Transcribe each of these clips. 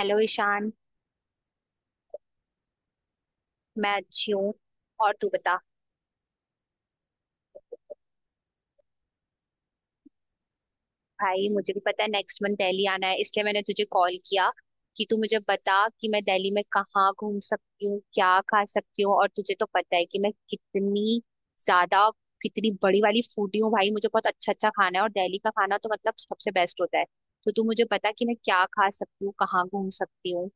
Hello Ishaan. मैं अच्छी हूँ। और तू बता। भाई मुझे भी पता है, नेक्स्ट मंथ दिल्ली आना है, इसलिए मैंने तुझे कॉल किया कि तू मुझे बता कि मैं दिल्ली में कहाँ घूम सकती हूँ, क्या खा सकती हूँ। और तुझे तो पता है कि मैं कितनी ज्यादा कितनी बड़ी वाली फूडी हूँ। भाई मुझे बहुत अच्छा अच्छा खाना है, और दिल्ली का खाना तो मतलब सबसे बेस्ट होता है। तो तू मुझे बता कि मैं क्या खा सकती हूँ, कहाँ घूम सकती हूँ।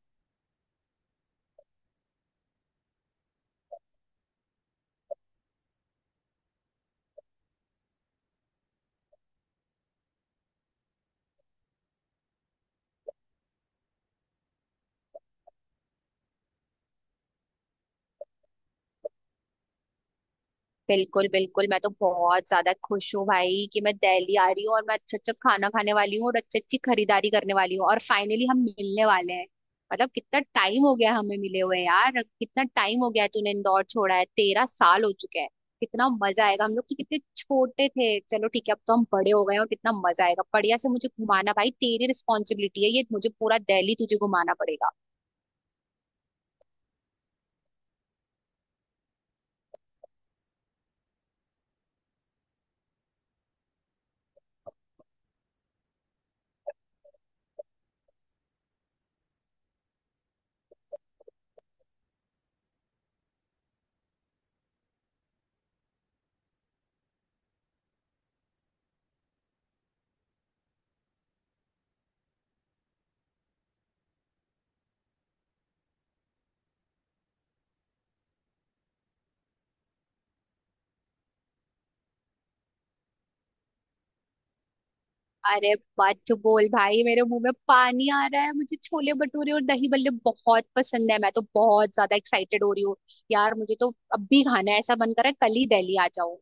बिल्कुल बिल्कुल, मैं तो बहुत ज्यादा खुश हूँ भाई कि मैं दिल्ली आ रही हूँ, और मैं अच्छा अच्छा खाना खाने वाली हूँ, और अच्छी अच्छी खरीदारी करने वाली हूँ, और फाइनली हम मिलने वाले हैं। मतलब कितना टाइम हो गया हमें मिले हुए। यार कितना टाइम हो गया है तूने इंदौर छोड़ा है, 13 साल हो चुके हैं। कितना मजा आएगा, हम लोग तो कितने छोटे थे। चलो ठीक है, अब तो हम बड़े हो गए हैं और कितना मजा आएगा। बढ़िया से मुझे घुमाना भाई, तेरी रिस्पॉन्सिबिलिटी है ये, मुझे पूरा दिल्ली तुझे घुमाना पड़ेगा। अरे मत बोल भाई, मेरे मुंह में पानी आ रहा है। मुझे छोले भटूरे और दही बल्ले बहुत पसंद है। मैं तो बहुत ज्यादा एक्साइटेड हो रही हूँ यार, मुझे तो अब भी खाना है, ऐसा मन कर रहा है कल ही दिल्ली आ जाऊं।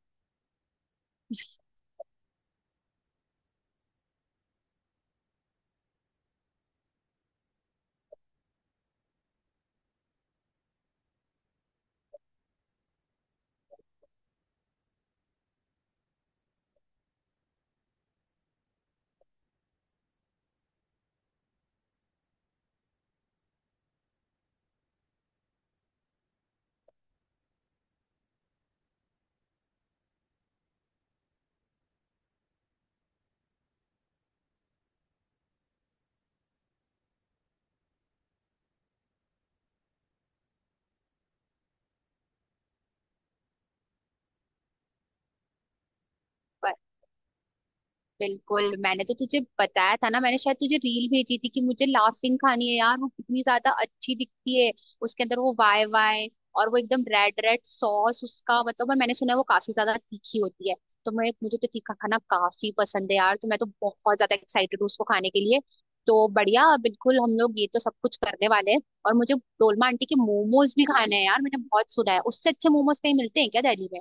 बिल्कुल, मैंने तो तुझे बताया था ना, मैंने शायद तुझे रील भेजी थी कि मुझे लाफिंग खानी है यार, वो कितनी ज्यादा अच्छी दिखती है। उसके अंदर वो वाई वाई और वो एकदम रेड रेड सॉस उसका, मतलब, और मैंने सुना है वो काफी ज्यादा तीखी होती है। तो मैं मुझे तो तीखा खाना काफी पसंद है यार, तो मैं तो बहुत ज्यादा एक्साइटेड हूँ उसको खाने के लिए। तो बढ़िया, बिल्कुल हम लोग ये तो सब कुछ करने वाले हैं। और मुझे डोलमा आंटी के मोमोज भी खाने हैं यार, मैंने बहुत सुना है। उससे अच्छे मोमोज कहीं मिलते हैं क्या दिल्ली में?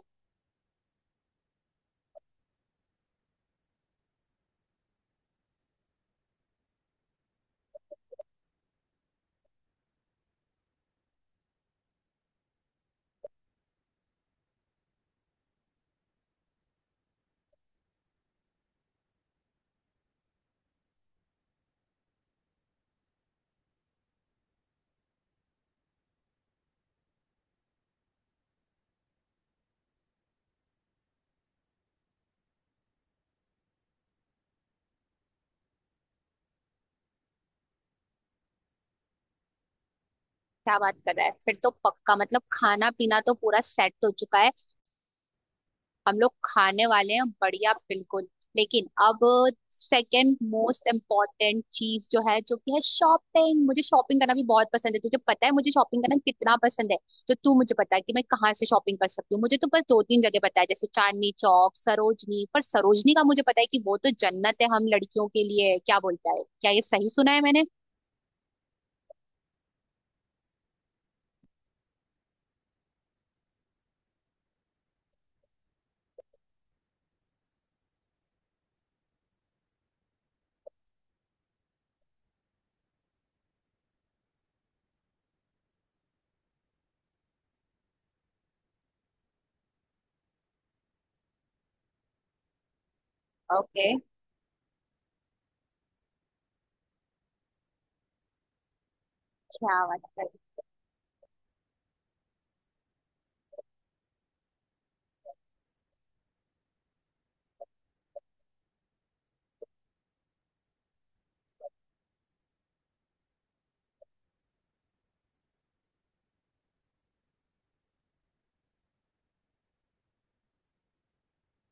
क्या बात कर रहा है, फिर तो पक्का, मतलब खाना पीना तो पूरा सेट हो चुका है। हम लोग खाने वाले हैं, बढ़िया, बिल्कुल। लेकिन अब सेकंड मोस्ट इम्पोर्टेंट चीज जो है, जो कि है शॉपिंग। मुझे शॉपिंग करना भी बहुत पसंद है, तुझे पता है मुझे शॉपिंग करना कितना पसंद है। तो तू मुझे बता कि मैं कहाँ से शॉपिंग कर सकती हूँ। मुझे तो बस दो तीन जगह पता है, जैसे चांदनी चौक, सरोजनी। पर सरोजनी का मुझे पता है कि वो तो जन्नत है हम लड़कियों के लिए, क्या बोलता है, क्या ये सही सुना है मैंने? ओके। क्या बात।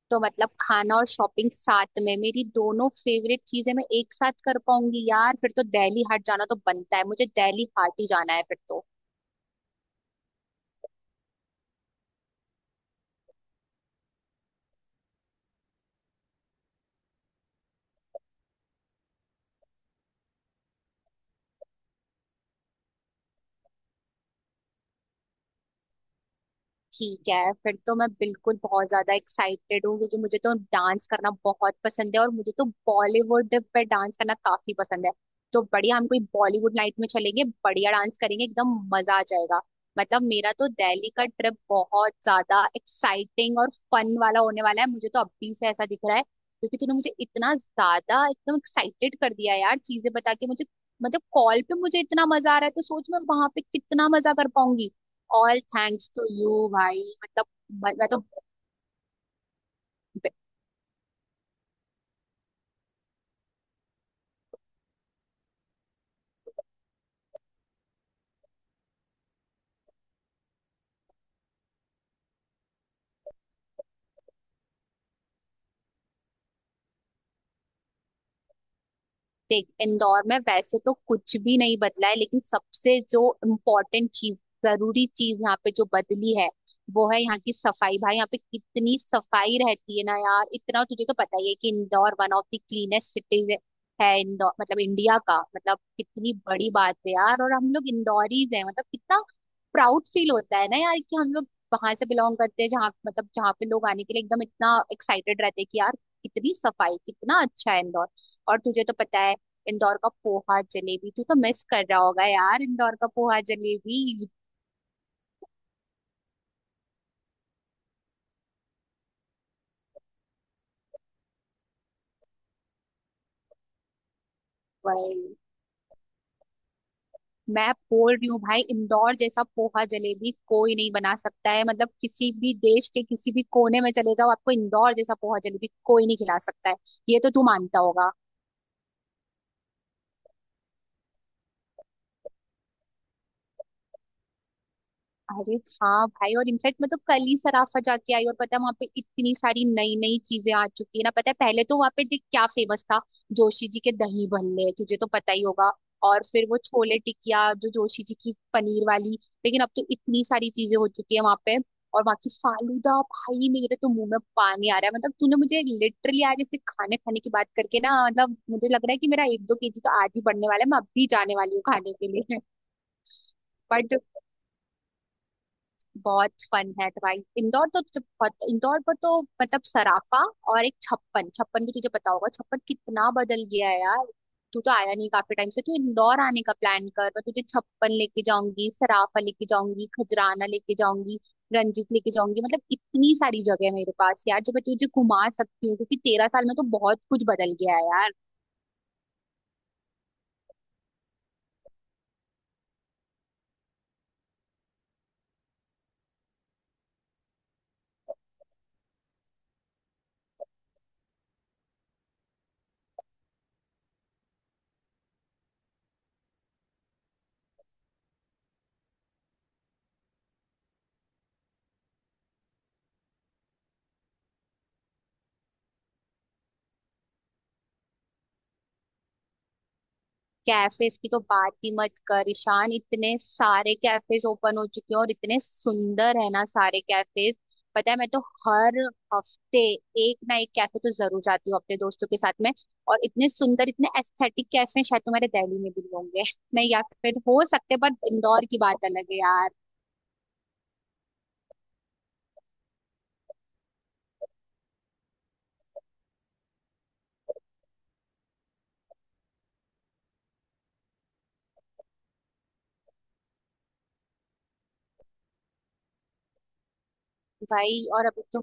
तो मतलब खाना और शॉपिंग साथ में, मेरी दोनों फेवरेट चीजें मैं एक साथ कर पाऊंगी यार। फिर तो दिल्ली हाट जाना तो बनता है, मुझे दिल्ली हाट ही जाना है फिर तो। ठीक है, फिर तो मैं बिल्कुल बहुत ज्यादा एक्साइटेड हूँ, क्योंकि मुझे तो डांस करना बहुत पसंद है और मुझे तो बॉलीवुड पे डांस करना काफी पसंद है। तो बढ़िया, हम कोई बॉलीवुड नाइट में चलेंगे, बढ़िया डांस करेंगे, एकदम मजा आ जाएगा। मतलब मेरा तो दिल्ली का ट्रिप बहुत ज्यादा एक्साइटिंग और फन वाला होने वाला है। मुझे तो अभी से ऐसा दिख रहा है, क्योंकि तूने मुझे इतना ज्यादा एकदम एक्साइटेड कर दिया यार चीजें बता के मुझे। मतलब कॉल पे मुझे इतना मजा आ रहा है, तो सोच मैं वहां पे कितना मजा कर पाऊंगी। ऑल थैंक्स टू यू भाई, मतलब मैं तो देख, इंदौर में वैसे तो कुछ भी नहीं बदला है, लेकिन सबसे जो इम्पोर्टेंट चीज, जरूरी चीज यहाँ पे जो बदली है वो है यहाँ की सफाई। भाई यहाँ पे कितनी सफाई रहती है ना यार, इतना तुझे तो पता ही है कि Indore one of the cleanest cities है। इंदौर मतलब इंडिया का, मतलब कितनी बड़ी बात है यार। और हम लोग इंदौरीज हैं, मतलब कितना प्राउड फील होता है ना यार, कि हम लोग वहां से बिलोंग करते हैं जहाँ, मतलब जहाँ पे लोग आने के लिए एकदम इतना एक्साइटेड रहते हैं कि यार कितनी सफाई, कितना अच्छा है इंदौर। और तुझे तो पता है इंदौर का पोहा जलेबी, तू तो मिस कर रहा होगा यार इंदौर का पोहा जलेबी। भाई मैं बोल रही हूँ भाई, इंदौर जैसा पोहा जलेबी कोई नहीं बना सकता है। मतलब किसी भी देश के किसी भी कोने में चले जाओ, आपको इंदौर जैसा पोहा जलेबी कोई नहीं खिला सकता है। ये तो तू मानता होगा। अरे हाँ भाई, और इनफैक्ट मैं तो कल ही सराफा जाके आई, और पता है वहां पे इतनी सारी नई नई चीजें आ चुकी है ना। पता है पहले तो वहां पे देख क्या फेमस था, जोशी जी के दही भल्ले, तुझे तो पता ही होगा। और फिर वो छोले टिकिया जो जोशी जी की, पनीर वाली। लेकिन अब तो इतनी सारी चीजें हो चुकी है वहां पे। और वहां की फालूदा, भाई मेरे तो मुंह में पानी आ रहा है। मतलब तूने मुझे लिटरली आज ऐसे खाने खाने की बात करके ना, मतलब मुझे लग रहा है कि मेरा 1-2 KG तो आज ही बढ़ने वाला है, मैं अब भी जाने वाली हूँ खाने के लिए। बट बहुत फन है तो भाई। इंदौर पर तो मतलब सराफा, और एक छप्पन, छप्पन भी तुझे पता होगा। छप्पन कितना बदल गया है यार, तू तो आया नहीं काफी टाइम से। तू इंदौर आने का प्लान कर, मैं तुझे छप्पन लेके जाऊंगी, सराफा लेके जाऊंगी, खजराना लेके जाऊंगी, रंजीत लेके जाऊंगी। मतलब इतनी सारी जगह है मेरे पास यार, जो मैं तुझे घुमा सकती हूँ, क्योंकि 13 साल में तो बहुत कुछ बदल गया है यार। कैफेज की तो बात ही मत कर ईशान, इतने सारे कैफेज ओपन हो चुके हैं, और इतने सुंदर है ना सारे कैफेज। पता है मैं तो हर हफ्ते एक ना एक कैफे तो जरूर जाती हूँ अपने दोस्तों के साथ में। और इतने सुंदर, इतने एस्थेटिक कैफे शायद तुम्हारे दिल्ली में भी होंगे। नहीं, या फिर हो सकते, बट इंदौर की बात अलग है यार। भाई और अभी तो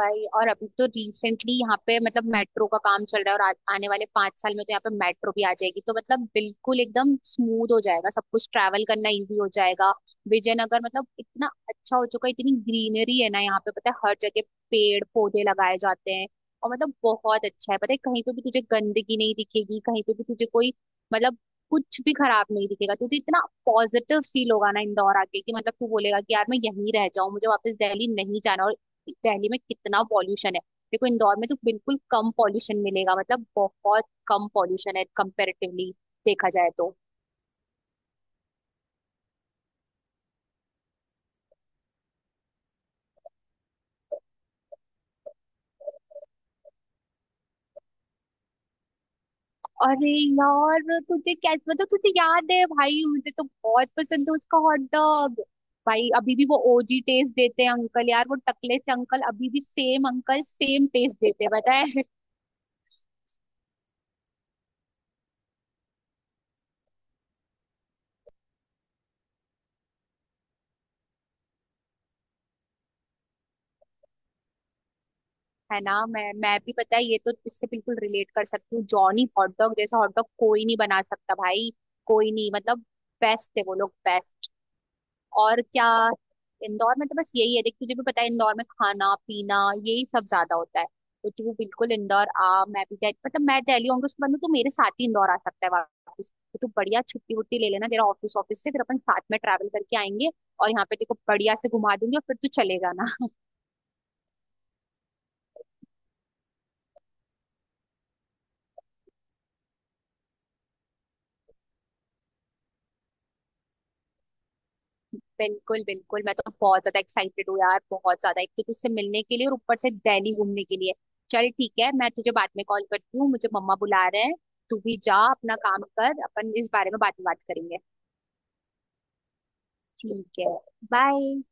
भाई और अभी तो रिसेंटली यहाँ पे मतलब मेट्रो का काम चल रहा है, और आने वाले 5 साल में तो यहाँ पे मेट्रो भी आ जाएगी, तो मतलब बिल्कुल एकदम स्मूथ हो जाएगा सब कुछ, ट्रैवल करना इजी हो जाएगा। विजयनगर मतलब इतना अच्छा हो चुका है, इतनी ग्रीनरी है ना यहाँ पे, पता है हर जगह पेड़ पौधे लगाए जाते हैं। और मतलब बहुत अच्छा है, पता है कहीं पे भी तुझे गंदगी नहीं दिखेगी, कहीं पे भी तुझे कोई, मतलब कुछ भी खराब नहीं दिखेगा तुझे। इतना पॉजिटिव फील होगा ना इंदौर आके, कि मतलब तू बोलेगा कि यार मैं यहीं रह जाऊं, मुझे वापस दिल्ली नहीं जाना। और कि दिल्ली में कितना पॉल्यूशन है, देखो इंदौर में तो बिल्कुल कम पॉल्यूशन मिलेगा, मतलब बहुत कम पॉल्यूशन है कंपेरेटिवली देखा जाए तो। अरे यार तुझे क्या, मतलब तुझे याद है भाई, मुझे तो बहुत पसंद है उसका हॉट डॉग। भाई अभी भी वो ओजी टेस्ट देते हैं अंकल यार, वो टकले से अंकल अभी भी सेम अंकल, सेम टेस्ट देते हैं पता है। है ना, मैं भी पता है ये तो, इससे बिल्कुल रिलेट कर सकती हूँ। जॉनी हॉट डॉग जैसा हॉट डॉग कोई नहीं बना सकता भाई, कोई नहीं, मतलब बेस्ट है वो लोग। और क्या, इंदौर में तो बस यही है, देख तुझे भी पता है इंदौर में खाना पीना यही सब ज्यादा होता है। तो तू बिल्कुल इंदौर आ, मतलब मैं दिल्ली होंगी, उसके बाद में तू मेरे साथ ही इंदौर आ सकता है वापस। तो तू बढ़िया छुट्टी वुट्टी ले लेना तेरा ऑफिस, ऑफिस से फिर अपन साथ में ट्रैवल करके आएंगे, और यहाँ पे तेरे को बढ़िया से घुमा दूंगी, और फिर तू चले जाना। बिल्कुल बिल्कुल, मैं तो बहुत ज्यादा एक्साइटेड हूँ यार, बहुत ज्यादा। एक तो तुझसे मिलने के लिए, और ऊपर से दिल्ली घूमने के लिए। चल ठीक है, मैं तुझे बाद में कॉल करती हूँ, मुझे मम्मा बुला रहे हैं। तू भी जा, अपना काम कर, अपन इस बारे में बाद में बात करेंगे। ठीक है, बाय।